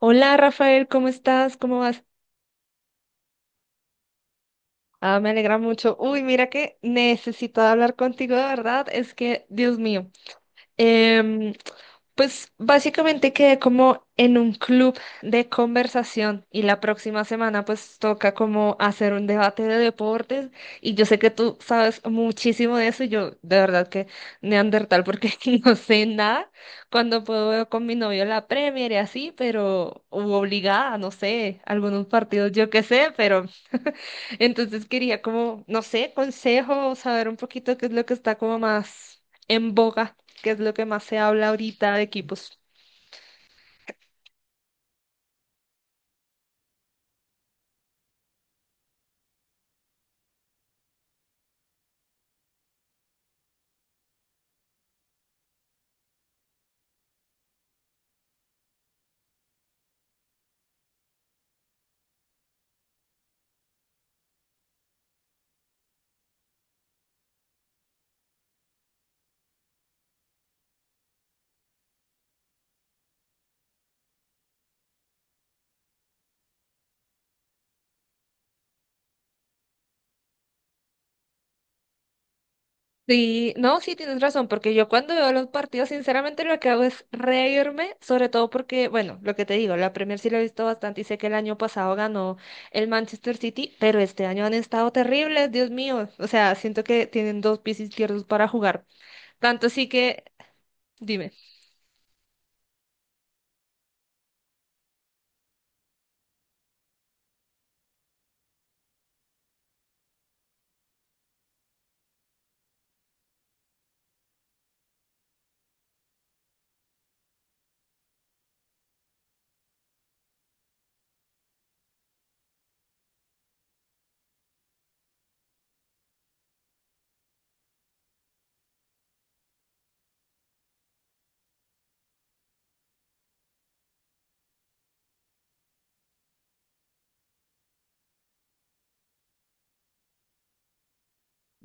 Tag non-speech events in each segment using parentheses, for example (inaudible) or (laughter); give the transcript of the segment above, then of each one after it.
Hola Rafael, ¿cómo estás? ¿Cómo vas? Ah, me alegra mucho. Uy, mira que necesito hablar contigo, de verdad. Es que, Dios mío. Em, pues básicamente quedé como en un club de conversación y la próxima semana pues toca como hacer un debate de deportes y yo sé que tú sabes muchísimo de eso y yo de verdad que neandertal porque (laughs) no sé nada cuando puedo veo con mi novio la Premier y así, pero u obligada, no sé, algunos partidos yo qué sé, pero (laughs) entonces quería como, no sé, consejo, saber un poquito qué es lo que está como más en boga que es lo que más se habla ahorita de equipos. Sí, no, sí tienes razón, porque yo cuando veo los partidos, sinceramente lo que hago es reírme, sobre todo porque, bueno, lo que te digo, la Premier sí la he visto bastante y sé que el año pasado ganó el Manchester City, pero este año han estado terribles, Dios mío, o sea, siento que tienen dos pies izquierdos para jugar. Tanto sí que, dime.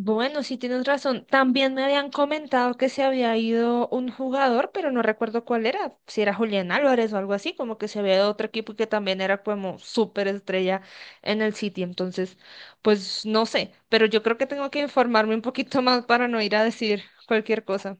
Bueno, sí tienes razón. También me habían comentado que se había ido un jugador, pero no recuerdo cuál era, si era Julián Álvarez o algo así, como que se había ido a otro equipo que también era como súper estrella en el City. Entonces, pues no sé, pero yo creo que tengo que informarme un poquito más para no ir a decir cualquier cosa.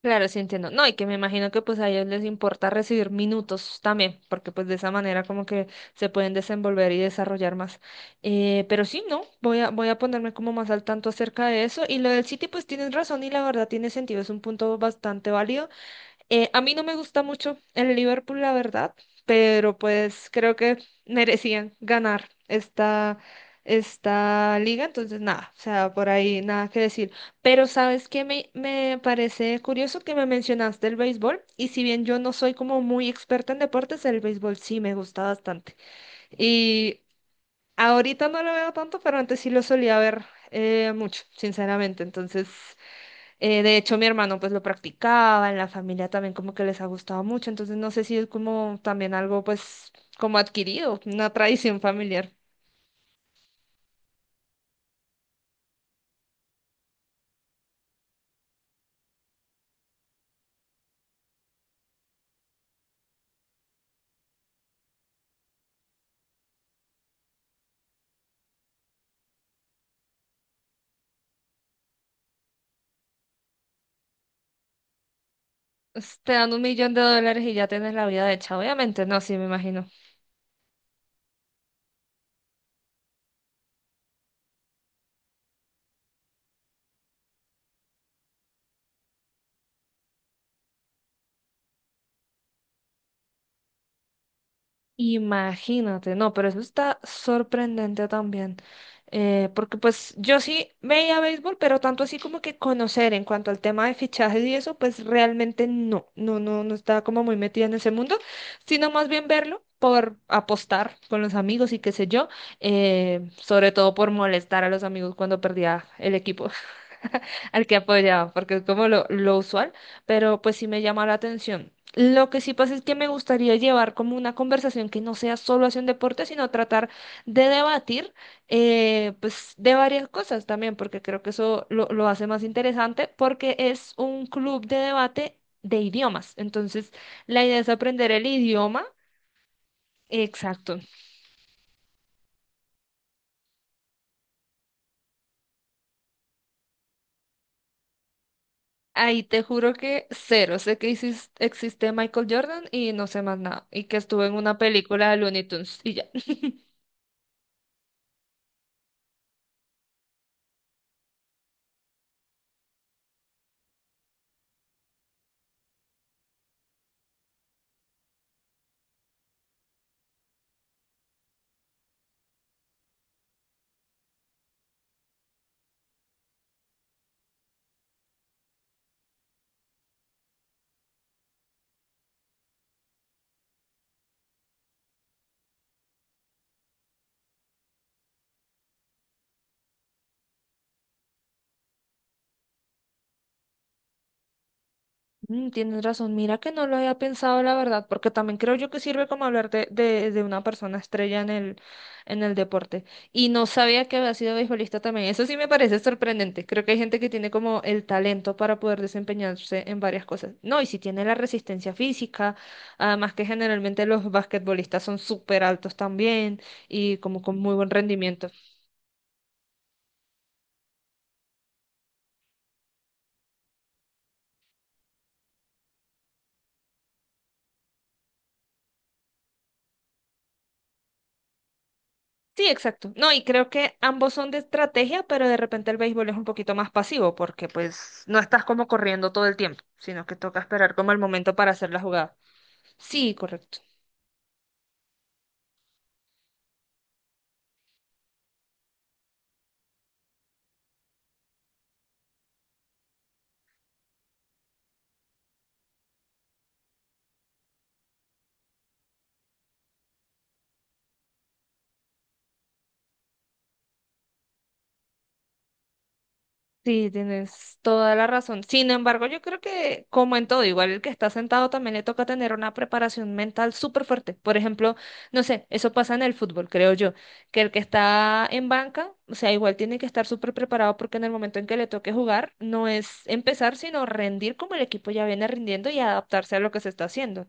Claro, sí entiendo. No, y que me imagino que pues a ellos les importa recibir minutos también, porque pues de esa manera como que se pueden desenvolver y desarrollar más. Pero sí, no, voy a ponerme como más al tanto acerca de eso. Y lo del City, pues tienes razón y la verdad tiene sentido, es un punto bastante válido. A mí no me gusta mucho el Liverpool, la verdad, pero pues creo que merecían ganar esta liga, entonces nada, o sea, por ahí nada que decir. Pero sabes que me parece curioso que me mencionaste el béisbol, y si bien yo no soy como muy experta en deportes, el béisbol sí me gusta bastante. Y ahorita no lo veo tanto, pero antes sí lo solía ver mucho, sinceramente, entonces. De hecho, mi hermano pues lo practicaba, en la familia también como que les ha gustado mucho, entonces no sé si es como también algo pues como adquirido, una tradición familiar. Pues, te dan un millón de dólares y ya tienes la vida hecha, obviamente, no, sí, me imagino. Imagínate, no, pero eso está sorprendente también, porque pues yo sí veía béisbol, pero tanto así como que conocer en cuanto al tema de fichajes y eso, pues realmente no estaba como muy metida en ese mundo, sino más bien verlo por apostar con los amigos y qué sé yo, sobre todo por molestar a los amigos cuando perdía el equipo al que apoyaba, porque es como lo usual, pero pues sí me llama la atención. Lo que sí pasa es que me gustaría llevar como una conversación que no sea solo hacia un deporte, sino tratar de debatir pues de varias cosas también, porque creo que eso lo hace más interesante, porque es un club de debate de idiomas. Entonces, la idea es aprender el idioma. Exacto. Ahí te juro que cero. Sé que existe Michael Jordan y no sé más nada. Y que estuvo en una película de Looney Tunes y ya. Mm, tienes razón, mira que no lo había pensado la verdad, porque también creo yo que sirve como hablar de una persona estrella en el deporte. Y no sabía que había sido beisbolista también. Eso sí me parece sorprendente. Creo que hay gente que tiene como el talento para poder desempeñarse en varias cosas. No, y si tiene la resistencia física, además que generalmente los basquetbolistas son súper altos también y como con muy buen rendimiento. Sí, exacto. No, y creo que ambos son de estrategia, pero de repente el béisbol es un poquito más pasivo porque pues no estás como corriendo todo el tiempo, sino que toca esperar como el momento para hacer la jugada. Sí, correcto. Sí, tienes toda la razón. Sin embargo, yo creo que, como en todo, igual el que está sentado también le toca tener una preparación mental súper fuerte. Por ejemplo, no sé, eso pasa en el fútbol, creo yo, que el que está en banca, o sea, igual tiene que estar súper preparado porque en el momento en que le toque jugar, no es empezar, sino rendir como el equipo ya viene rindiendo y adaptarse a lo que se está haciendo.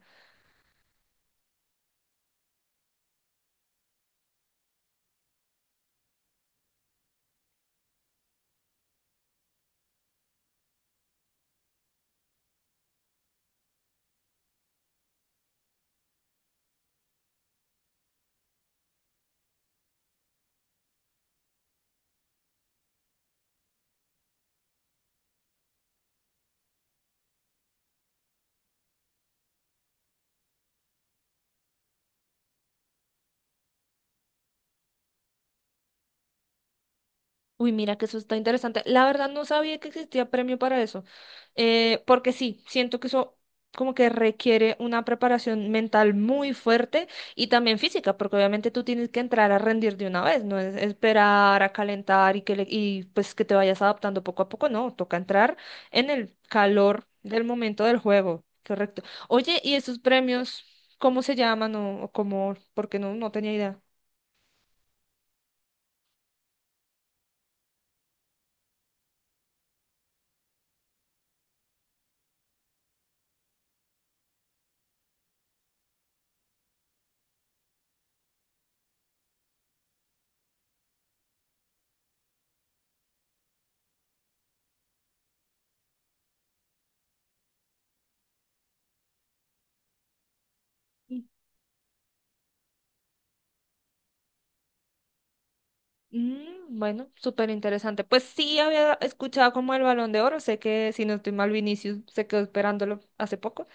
Uy, mira que eso está interesante. La verdad no sabía que existía premio para eso, porque sí, siento que eso como que requiere una preparación mental muy fuerte y también física, porque obviamente tú tienes que entrar a rendir de una vez, no es esperar a calentar y pues que te vayas adaptando poco a poco, no, toca entrar en el calor del momento del juego, correcto. Oye, ¿y esos premios cómo se llaman o cómo? Porque no tenía idea. Mm, bueno, súper interesante. Pues sí había escuchado como el Balón de Oro, sé que si no estoy mal, Vinicius se quedó esperándolo hace poco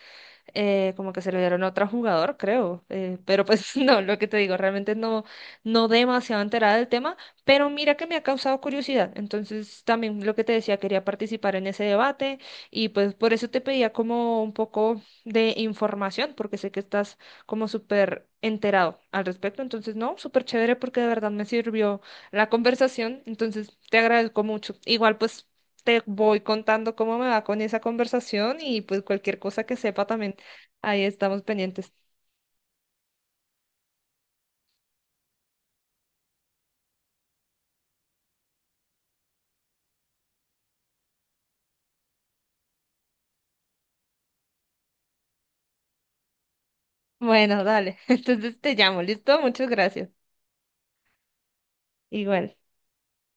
como que se lo dieron a otro jugador, creo. Pero pues (laughs) no, lo que te digo, realmente no demasiado enterada del tema, pero mira que me ha causado curiosidad. Entonces también lo que te decía, quería participar en ese debate y pues por eso te pedía como un poco de información, porque sé que estás como súper enterado al respecto. Entonces, no, súper chévere porque de verdad me sirvió la conversación. Entonces, te agradezco mucho. Igual pues te voy contando cómo me va con esa conversación y pues cualquier cosa que sepa también. Ahí estamos pendientes. Bueno, dale. (laughs) Entonces te llamo. ¿Listo? Muchas gracias. Igual.